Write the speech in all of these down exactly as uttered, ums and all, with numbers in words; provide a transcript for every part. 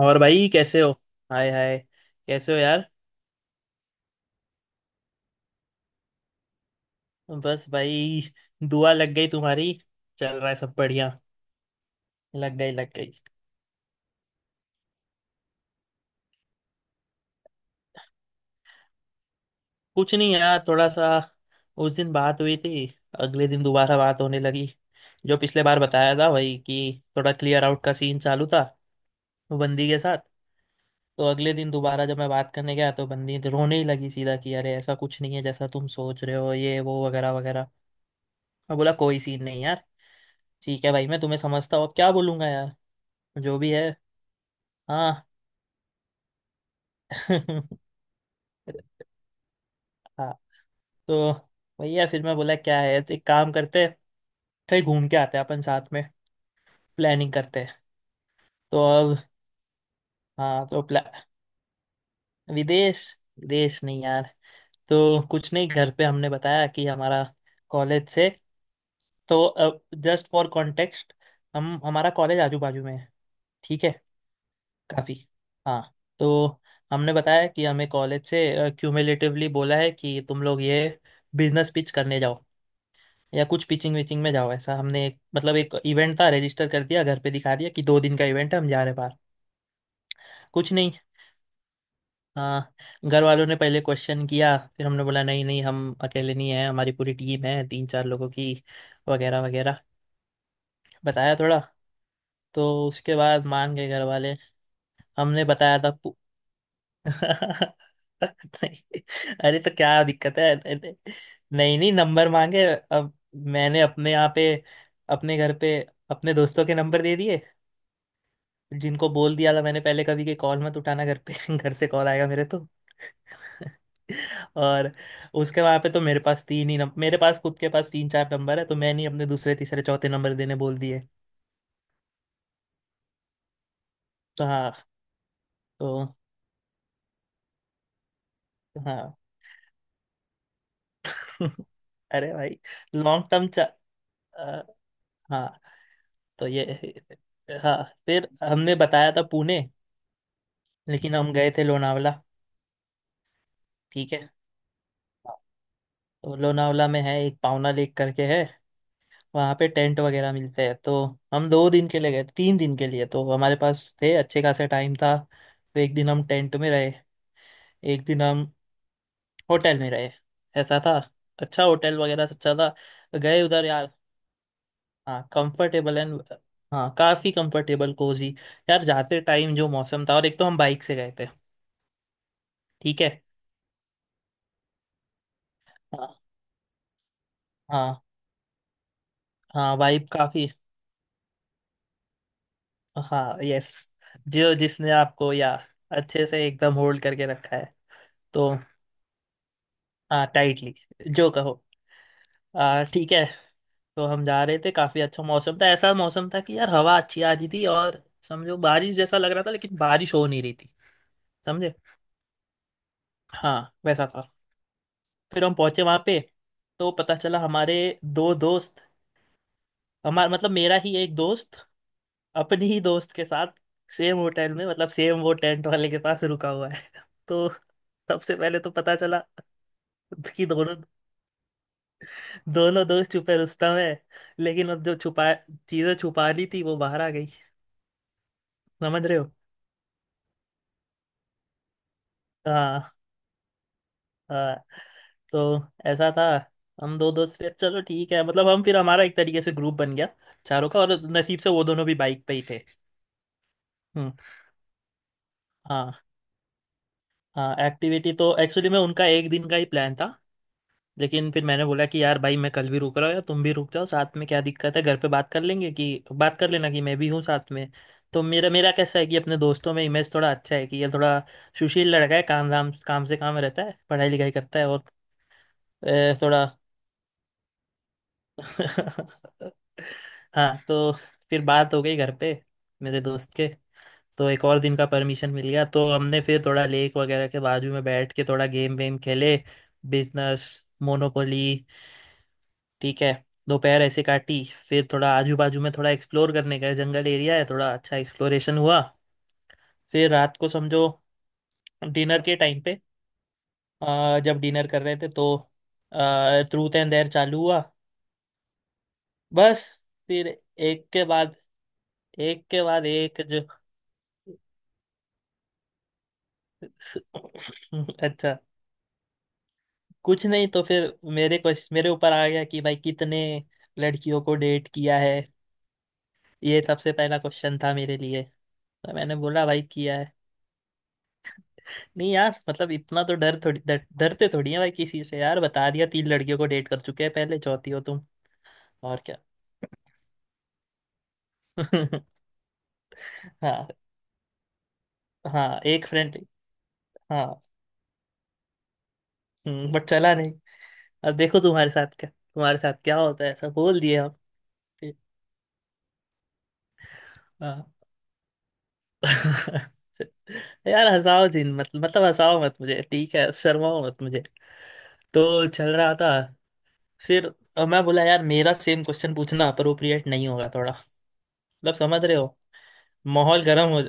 और भाई कैसे हो। Hi hi. कैसे हो यार। बस भाई। दुआ लग गई तुम्हारी। चल रहा है सब बढ़िया। लग गई लग गई। कुछ नहीं यार, थोड़ा सा। उस दिन बात हुई थी, अगले दिन दोबारा बात होने लगी। जो पिछले बार बताया था वही, कि थोड़ा क्लियर आउट का सीन चालू था बंदी के साथ। तो अगले दिन दोबारा जब मैं बात करने गया तो बंदी तो रोने ही लगी सीधा, कि अरे ऐसा कुछ नहीं है जैसा तुम सोच रहे हो, ये वो वगैरह वगैरह। मैं बोला कोई सीन नहीं यार, ठीक है भाई, मैं तुम्हें समझता हूँ, अब क्या बोलूंगा यार। जो भी है। हाँ। हाँ। तो भैया फिर मैं बोला क्या है तो एक काम करते हैं, कहीं घूम के आते हैं अपन साथ में, प्लानिंग करते हैं। तो अब, हाँ तो प्ला विदेश। विदेश नहीं यार। तो कुछ नहीं, घर पे हमने बताया कि हमारा कॉलेज से। तो जस्ट फॉर कॉन्टेक्स्ट, हम हमारा कॉलेज आजू बाजू में है। ठीक है, काफी। हाँ। तो हमने बताया कि हमें कॉलेज से क्यूमुलेटिवली बोला है कि तुम लोग ये बिजनेस पिच करने जाओ या कुछ पिचिंग विचिंग में जाओ, ऐसा। हमने एक, मतलब एक इवेंट था, रजिस्टर कर दिया, घर पे दिखा दिया कि दो दिन का इवेंट है, हम जा रहे हैं बाहर। कुछ नहीं। हाँ। घर वालों ने पहले क्वेश्चन किया, फिर हमने बोला नहीं नहीं हम अकेले नहीं हैं, हमारी पूरी टीम है तीन चार लोगों की, वगैरह वगैरह बताया थोड़ा। तो उसके बाद मान गए घर वाले। हमने बताया था। नहीं। अरे तो क्या दिक्कत है, नहीं नहीं नंबर मांगे अब। मैंने अपने यहाँ पे, अपने घर पे, अपने दोस्तों के नंबर दे दिए, जिनको बोल दिया था मैंने पहले कभी कि कॉल मत उठाना, घर पे घर से कॉल आएगा मेरे तो। और उसके वहाँ पे, तो मेरे पास तीन ही नंबर, मेरे पास खुद के पास तीन चार नंबर है, तो मैंने ही अपने दूसरे तीसरे चौथे नंबर देने बोल दिए। तो हाँ। तो हाँ। अरे भाई। लॉन्ग टर्म चा अ, हाँ। तो ये, हाँ फिर हमने बताया था पुणे, लेकिन हम गए थे लोनावला। ठीक है। तो लोनावला में है एक पावना लेक करके, है वहाँ पे टेंट वगैरह मिलते हैं। तो हम दो दिन के लिए गए, तीन दिन के लिए तो हमारे पास थे, अच्छे खासे टाइम था। तो एक दिन हम टेंट में रहे, एक दिन हम होटल में रहे, ऐसा था। अच्छा होटल वगैरह अच्छा था। गए उधर यार। हाँ कंफर्टेबल एंड। हाँ काफ़ी कंफर्टेबल कोजी। यार जाते टाइम जो मौसम था, और एक तो हम बाइक से गए थे। ठीक। है हाँ। हाँ वाइब काफी। हाँ यस। जो, जिसने आपको या अच्छे से एकदम होल्ड करके रखा है। तो हाँ टाइटली, जो कहो। आ, ठीक है। तो हम जा रहे थे, काफी अच्छा मौसम था। ऐसा मौसम था कि यार हवा अच्छी आ रही थी, और समझो बारिश जैसा लग रहा था लेकिन बारिश हो नहीं रही थी। समझे। हाँ वैसा था। फिर हम पहुंचे वहां पे, तो पता चला हमारे दो दोस्त हमारा, मतलब मेरा ही एक दोस्त अपनी ही दोस्त के साथ सेम होटल में, मतलब सेम वो टेंट वाले के पास रुका हुआ है। तो सबसे पहले तो पता चला कि दोनों दोनों दोस्त छुपे रुस्तम है, लेकिन अब जो छुपा चीजें छुपा ली थी वो बाहर आ गई। समझ रहे हो। हाँ। हाँ। तो ऐसा था, हम दो दोस्त, फिर चलो ठीक है, मतलब हम फिर हमारा एक तरीके से ग्रुप बन गया चारों का, और नसीब से वो दोनों भी बाइक पे ही थे। हम्म। हाँ। हाँ एक्टिविटी तो एक्चुअली में उनका एक दिन का ही प्लान था, लेकिन फिर मैंने बोला कि यार भाई मैं कल भी रुक रहा हूँ, या तुम भी रुक जाओ साथ में, क्या दिक्कत है, घर पे बात कर लेंगे, कि बात कर लेना कि मैं भी हूँ साथ में। तो मेरा मेरा कैसा है कि अपने दोस्तों में इमेज थोड़ा अच्छा है, कि ये थोड़ा सुशील लड़का है, काम धाम, काम से काम रहता है, पढ़ाई लिखाई करता है, और अ, थोड़ा। हाँ तो फिर बात हो गई घर पे, मेरे दोस्त के। तो एक और दिन का परमिशन मिल गया, तो हमने फिर थोड़ा लेक वगैरह के बाजू में बैठ के थोड़ा गेम वेम खेले, बिजनेस, मोनोपोली। ठीक है। दोपहर ऐसे काटी। फिर थोड़ा आजू बाजू में थोड़ा एक्सप्लोर करने का है, जंगल एरिया है, थोड़ा अच्छा एक्सप्लोरेशन हुआ। फिर रात को समझो, डिनर के टाइम पे, अ, जब डिनर कर रहे थे तो ट्रूथ एंड डेयर चालू हुआ। बस। फिर एक के बाद एक के बाद एक जो। अच्छा। कुछ नहीं। तो फिर मेरे क्वेश्चन मेरे ऊपर आ गया कि भाई कितने लड़कियों को डेट किया है। ये सबसे पहला क्वेश्चन था मेरे लिए, तो मैंने बोला भाई किया है। नहीं यार मतलब इतना तो डर, थोड़ी डर, डरते थोड़ी है भाई किसी से यार। बता दिया तीन लड़कियों को डेट कर चुके हैं पहले, चौथी हो तुम। और क्या। हाँ। हाँ एक फ्रेंड। हाँ बट चला नहीं। अब देखो तुम्हारे साथ क्या तुम्हारे साथ क्या होता है, ऐसा बोल दिए हम। हाँ। यार हंसाओ जिन मत, मतलब हंसाओ मत मुझे, ठीक है, शर्माओ मत मुझे। तो चल रहा था। फिर अ, मैं बोला यार मेरा सेम क्वेश्चन पूछना अप्रोप्रिएट नहीं होगा थोड़ा, मतलब समझ रहे हो। माहौल गर्म हो।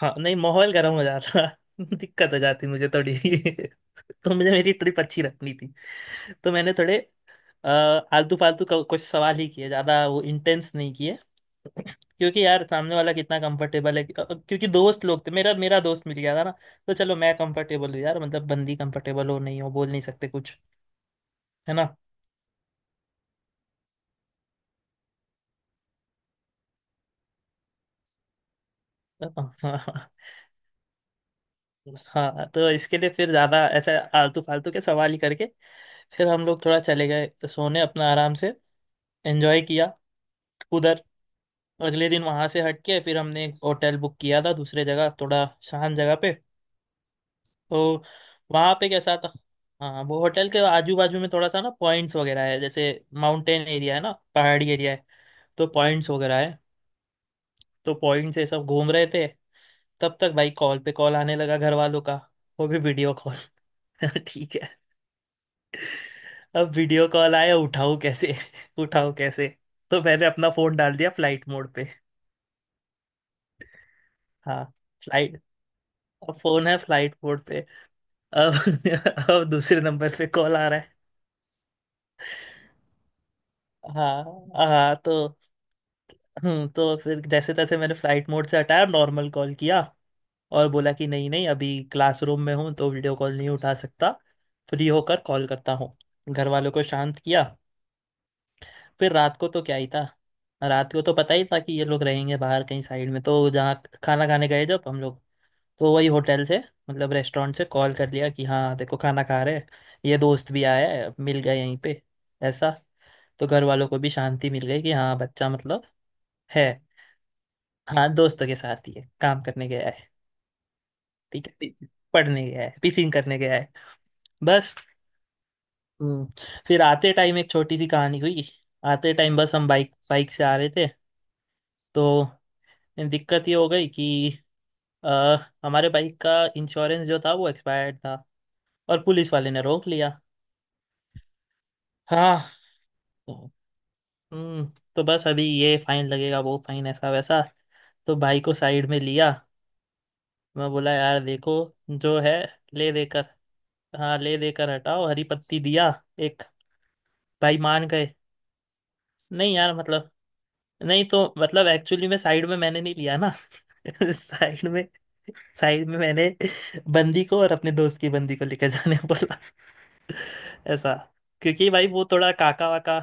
हाँ नहीं, माहौल गर्म हो जाता, दिक्कत हो जाती मुझे थोड़ी। तो मुझे मेरी ट्रिप अच्छी रखनी थी। तो मैंने थोड़े अ, आलतू फालतू क- कुछ सवाल ही किए, ज़्यादा वो इंटेंस नहीं किए। क्योंकि यार सामने वाला कितना कंफर्टेबल है, अ, क्योंकि दोस्त लोग थे, मेरा मेरा दोस्त मिल गया था ना, तो चलो मैं कंफर्टेबल हूँ यार, मतलब बंदी कंफर्टेबल हो नहीं हो बोल नहीं सकते कुछ। है ना। हाँ। हाँ तो इसके लिए फिर ज़्यादा ऐसा आलतू फालतू के सवाल ही करके फिर हम लोग थोड़ा चले गए सोने अपना आराम से। एंजॉय किया उधर। अगले दिन वहां से हट के फिर हमने एक होटल बुक किया था दूसरे जगह, थोड़ा शांत जगह पे। तो वहां पे कैसा था, हाँ वो होटल के आजू बाजू में थोड़ा सा ना पॉइंट्स वगैरह है, जैसे माउंटेन एरिया है ना, पहाड़ी एरिया है, तो पॉइंट्स वगैरह है। तो पॉइंट्स ये सब घूम रहे थे, तब तक भाई कॉल पे कॉल आने लगा घर वालों का, वो भी वीडियो कॉल। ठीक है। अब वीडियो कॉल आया, उठाऊं कैसे, उठाऊं कैसे। तो मैंने अपना फोन डाल दिया फ्लाइट मोड पे। हाँ फ्लाइट। अब फोन है फ्लाइट मोड पे। अब अब दूसरे नंबर पे कॉल आ रहा है। हाँ। हाँ तो हम्म तो फिर जैसे तैसे मैंने फ्लाइट मोड से हटाया, नॉर्मल कॉल किया और बोला कि नहीं नहीं अभी क्लासरूम में हूँ तो वीडियो कॉल नहीं उठा सकता, फ्री होकर कॉल करता हूँ। घर वालों को शांत किया। फिर रात को तो क्या ही था। रात को तो पता ही था कि ये लोग रहेंगे बाहर कहीं साइड में, तो जहाँ खाना खाने गए, जब हम लोग, तो वही होटल से मतलब रेस्टोरेंट से कॉल कर लिया कि हाँ देखो खाना खा रहे हैं, ये दोस्त भी आया है, मिल गए यहीं पे, ऐसा। तो घर वालों को भी शांति मिल गई कि हाँ बच्चा मतलब है। हाँ दोस्तों के साथ ही है, काम करने गया है। ठीक है, पढ़ने गया है, टीचिंग करने गया है। बस। हम्म, फिर आते टाइम एक छोटी सी कहानी हुई। आते टाइम बस हम बाइक बाइक से आ रहे थे। तो दिक्कत ये हो गई कि अ, हमारे बाइक का इंश्योरेंस जो था वो एक्सपायर्ड था, और पुलिस वाले ने रोक लिया। हाँ। तो, हम्म तो बस अभी ये फाइन लगेगा वो फाइन ऐसा वैसा। तो भाई को साइड में लिया, मैं बोला यार देखो जो है ले देकर। हाँ ले देकर हटाओ, हरी पत्ती दिया एक। भाई मान गए। नहीं यार मतलब, नहीं तो मतलब एक्चुअली में साइड में मैंने नहीं लिया ना। साइड में साइड में मैंने बंदी को और अपने दोस्त की बंदी को लेकर जाने बोला, ऐसा। क्योंकि भाई वो थोड़ा काका वाका।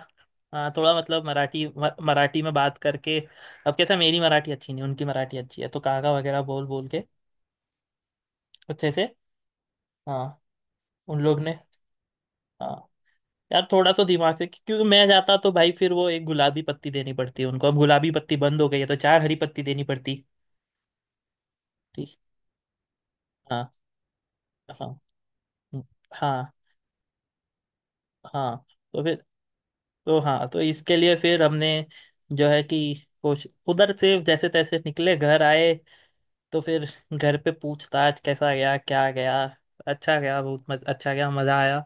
हाँ थोड़ा मतलब मराठी, म, मराठी में बात करके। अब कैसा, मेरी मराठी अच्छी नहीं, उनकी मराठी अच्छी है, तो काका वगैरह बोल बोल के अच्छे से। हाँ। उन लोग ने। हाँ। यार थोड़ा सा दिमाग से, क्योंकि मैं जाता तो भाई फिर वो एक गुलाबी पत्ती देनी पड़ती है उनको, अब गुलाबी पत्ती बंद हो गई है तो चार हरी पत्ती देनी पड़ती। हाँ। हाँ। हम्म, हाँ। हाँ। तो फिर, तो हाँ तो इसके लिए फिर हमने जो है कि कुछ उधर से जैसे तैसे निकले, घर आए। तो फिर घर पे पूछताछ, कैसा गया क्या गया, अच्छा गया बहुत मज, अच्छा गया, मज़ा आया,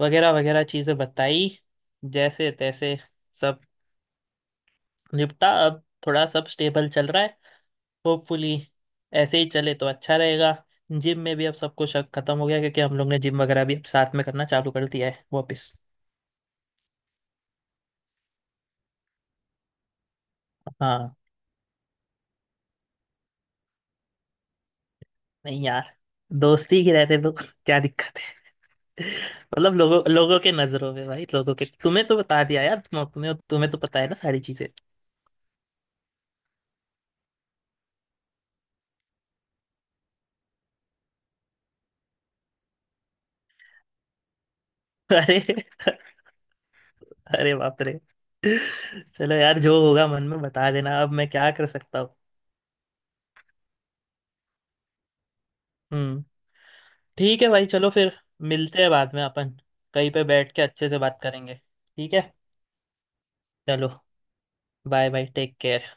वगैरह वगैरह चीज़ें बताई, जैसे तैसे। सब निपटा अब, थोड़ा सब स्टेबल चल रहा है होपफुली, ऐसे ही चले तो अच्छा रहेगा। जिम में भी अब सबको शक खत्म हो गया, क्योंकि हम लोग ने जिम वगैरह भी अब साथ में करना चालू कर दिया है वापस। हाँ। नहीं यार, दोस्ती की रहते तो क्या दिक्कत है। मतलब लोगों लोगों के नजरों में, भाई लोगों के, तुम्हें तो बता दिया यार, तुम तुम्हें तुम्हें तो पता है ना सारी चीजें। अरे। अरे बाप रे। चलो यार, जो होगा मन में बता देना, अब मैं क्या कर सकता हूँ। हम्म। ठीक है भाई, चलो फिर, मिलते हैं बाद में अपन कहीं पे बैठ के अच्छे से बात करेंगे, ठीक है। चलो। Bye bye, take care.